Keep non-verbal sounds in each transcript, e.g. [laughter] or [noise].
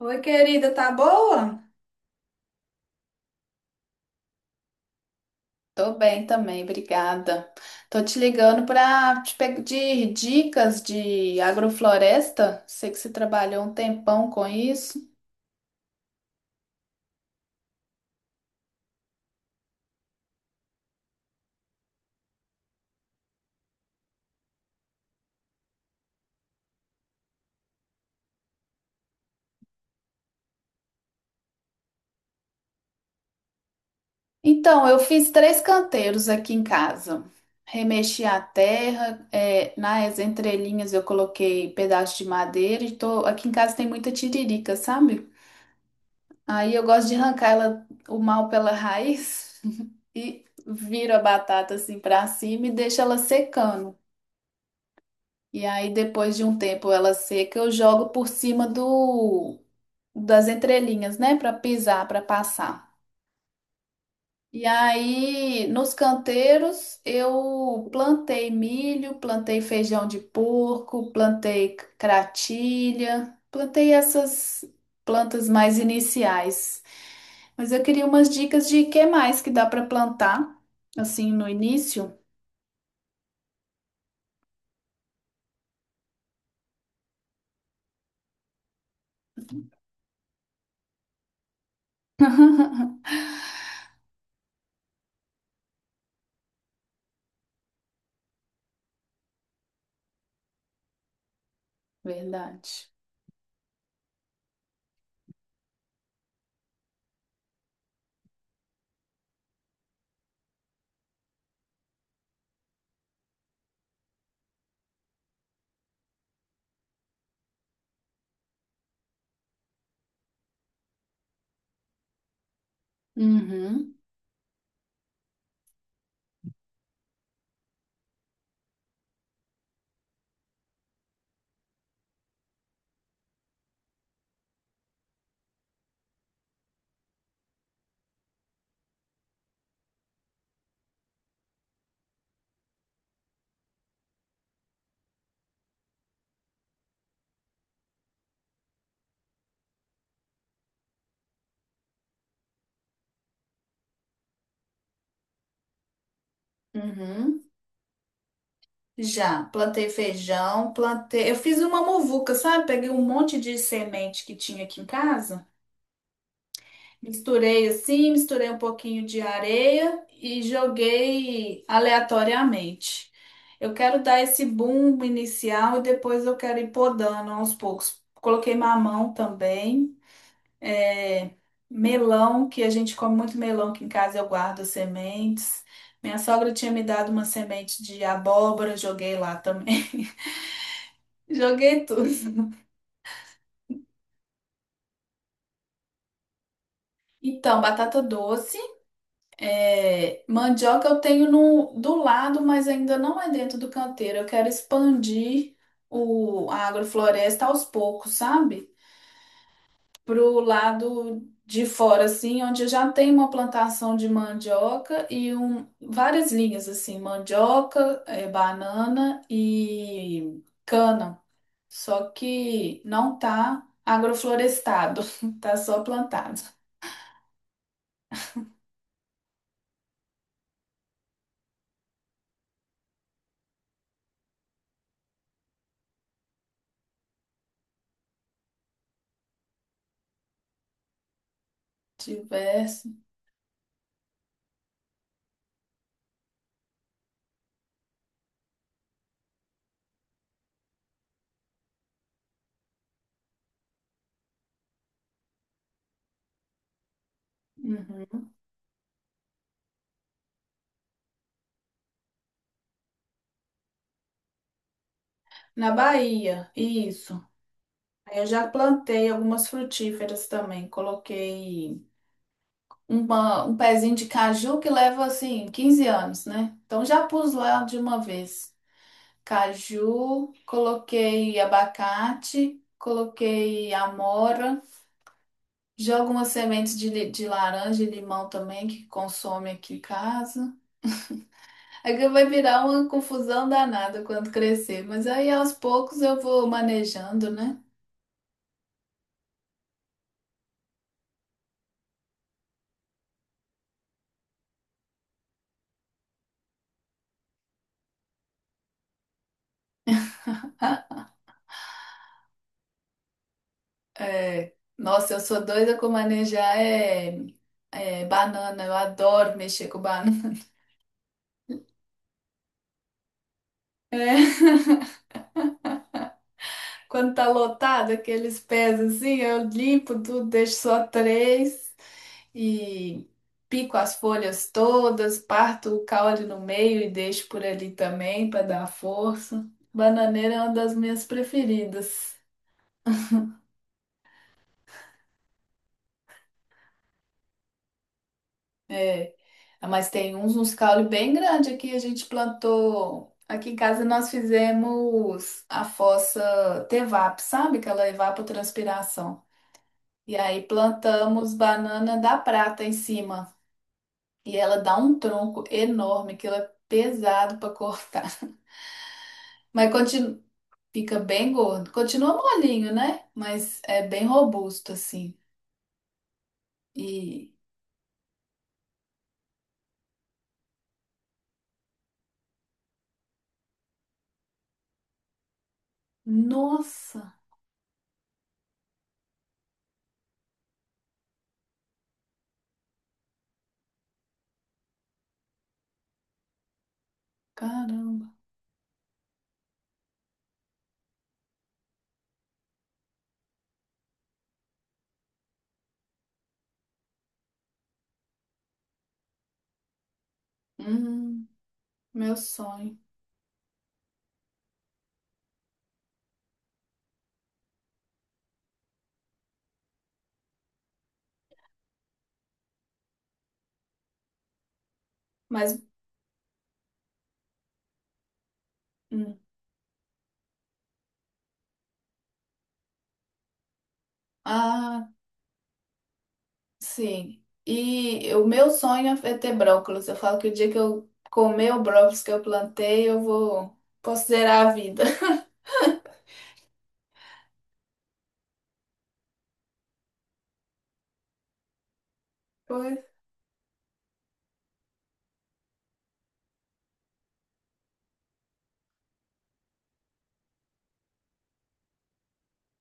Oi, querida, tá boa? Tô bem também, obrigada. Tô te ligando para te pedir dicas de agrofloresta. Sei que você trabalhou um tempão com isso. Então, eu fiz três canteiros aqui em casa. Remexi a terra, nas entrelinhas eu coloquei pedaço de madeira aqui em casa tem muita tiririca, sabe? Aí eu gosto de arrancar ela, o mal pela raiz [laughs] e viro a batata assim para cima e deixo ela secando. E aí, depois de um tempo ela seca, eu jogo por cima do das entrelinhas, né? Para pisar, para passar. E aí, nos canteiros, eu plantei milho, plantei feijão de porco, plantei cratilha, plantei essas plantas mais iniciais. Mas eu queria umas dicas de que mais que dá para plantar, assim, no início. Verdade. Uhum, uhum. Já, plantei feijão, plantei. Eu fiz uma muvuca, sabe? Peguei um monte de semente que tinha aqui em casa, misturei assim, misturei um pouquinho de areia e joguei aleatoriamente. Eu quero dar esse boom inicial e depois eu quero ir podando aos poucos. Coloquei mamão também, é, melão, que a gente come muito melão aqui em casa, eu guardo as sementes. Minha sogra tinha me dado uma semente de abóbora, joguei lá também. [laughs] Joguei tudo. Então, batata doce, mandioca eu tenho no, do lado, mas ainda não é dentro do canteiro. Eu quero expandir a agrofloresta aos poucos, sabe? Pro lado de fora, assim, onde eu já tem uma plantação de mandioca e um, várias linhas, assim, mandioca, banana e cana. Só que não tá agroflorestado, [laughs] tá só plantado. Diversos. Uhum. Na Bahia, isso. Aí eu já plantei algumas frutíferas também. Coloquei um pezinho de caju que leva assim 15 anos, né? Então já pus lá de uma vez. Caju, coloquei abacate, coloquei amora, jogo umas sementes de, de laranja e limão também que consome aqui em casa. É que vai virar uma confusão danada quando crescer, mas aí aos poucos eu vou manejando, né? É, nossa, eu sou doida com manejar banana. Eu adoro mexer com banana. [laughs] É, quando tá lotado, aqueles pés assim, eu limpo tudo, deixo só três e pico as folhas todas, parto o caule no meio e deixo por ali também para dar força. Bananeira é uma das minhas preferidas. É, ah, mas tem uns, uns caule bem grande aqui. A gente plantou. Aqui em casa nós fizemos a fossa Tevap, sabe? Que ela evapotranspiração. E aí plantamos banana da prata em cima. E ela dá um tronco enorme, que ela é pesado para cortar. [laughs] Mas continua, fica bem gordo. Continua molinho, né? Mas é bem robusto assim. E nossa, caramba. Hum, meu sonho. Mas hum. Ah, sim. E o meu sonho é ter brócolis. Eu falo que o dia que eu comer o brócolis que eu plantei, eu vou considerar a vida. [laughs] Pois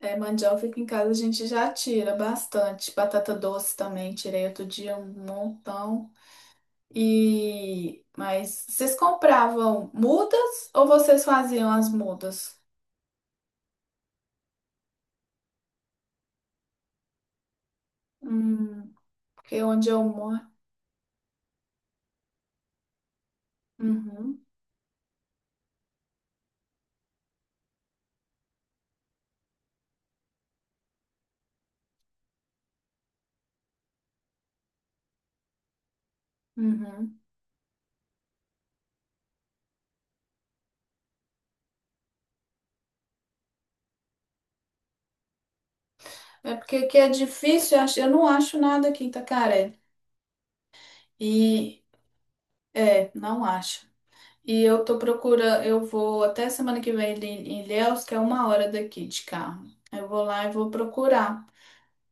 é, mandioca aqui em casa a gente já tira bastante. Batata doce também, tirei outro dia um montão. E mas vocês compravam mudas ou vocês faziam as mudas? Hum, porque onde eu moro. Uhum, uhum. É porque aqui é difícil, eu não acho nada aqui em Itacaré. E É, não acho. E eu tô procurando, eu vou até semana que vem ali em Ilhéus, que é uma hora daqui de carro. Eu vou lá e vou procurar.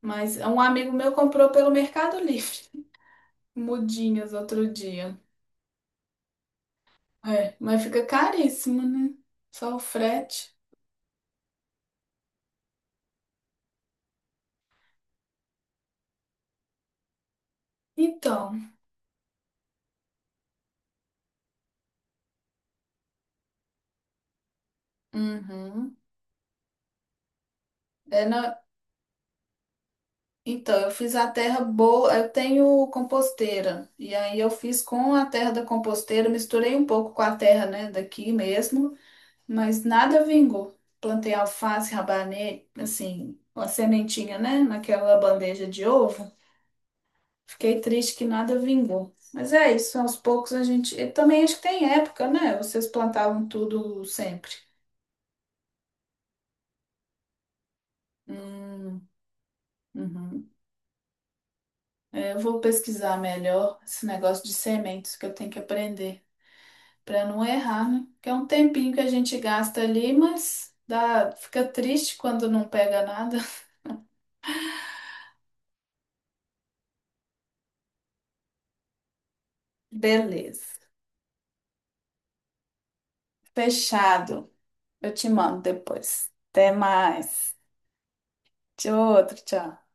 Mas um amigo meu comprou pelo Mercado Livre, [laughs] mudinhas outro dia. É, mas fica caríssimo, né? Só o frete. Então, uhum. É na- Então, eu fiz a terra boa, eu tenho composteira. E aí eu fiz com a terra da composteira, misturei um pouco com a terra, né, daqui mesmo. Mas nada vingou. Plantei alface, rabanete, assim, uma sementinha, né? Naquela bandeja de ovo. Fiquei triste que nada vingou. Mas é isso, aos poucos a gente. E também acho que tem época, né? Vocês plantavam tudo sempre. Hum, uhum. É, eu vou pesquisar melhor esse negócio de sementes que eu tenho que aprender para não errar, né? Que é um tempinho que a gente gasta ali, mas dá, fica triste quando não pega nada. [laughs] Beleza. Fechado. Eu te mando depois. Até mais. Tchau, outro, tchau.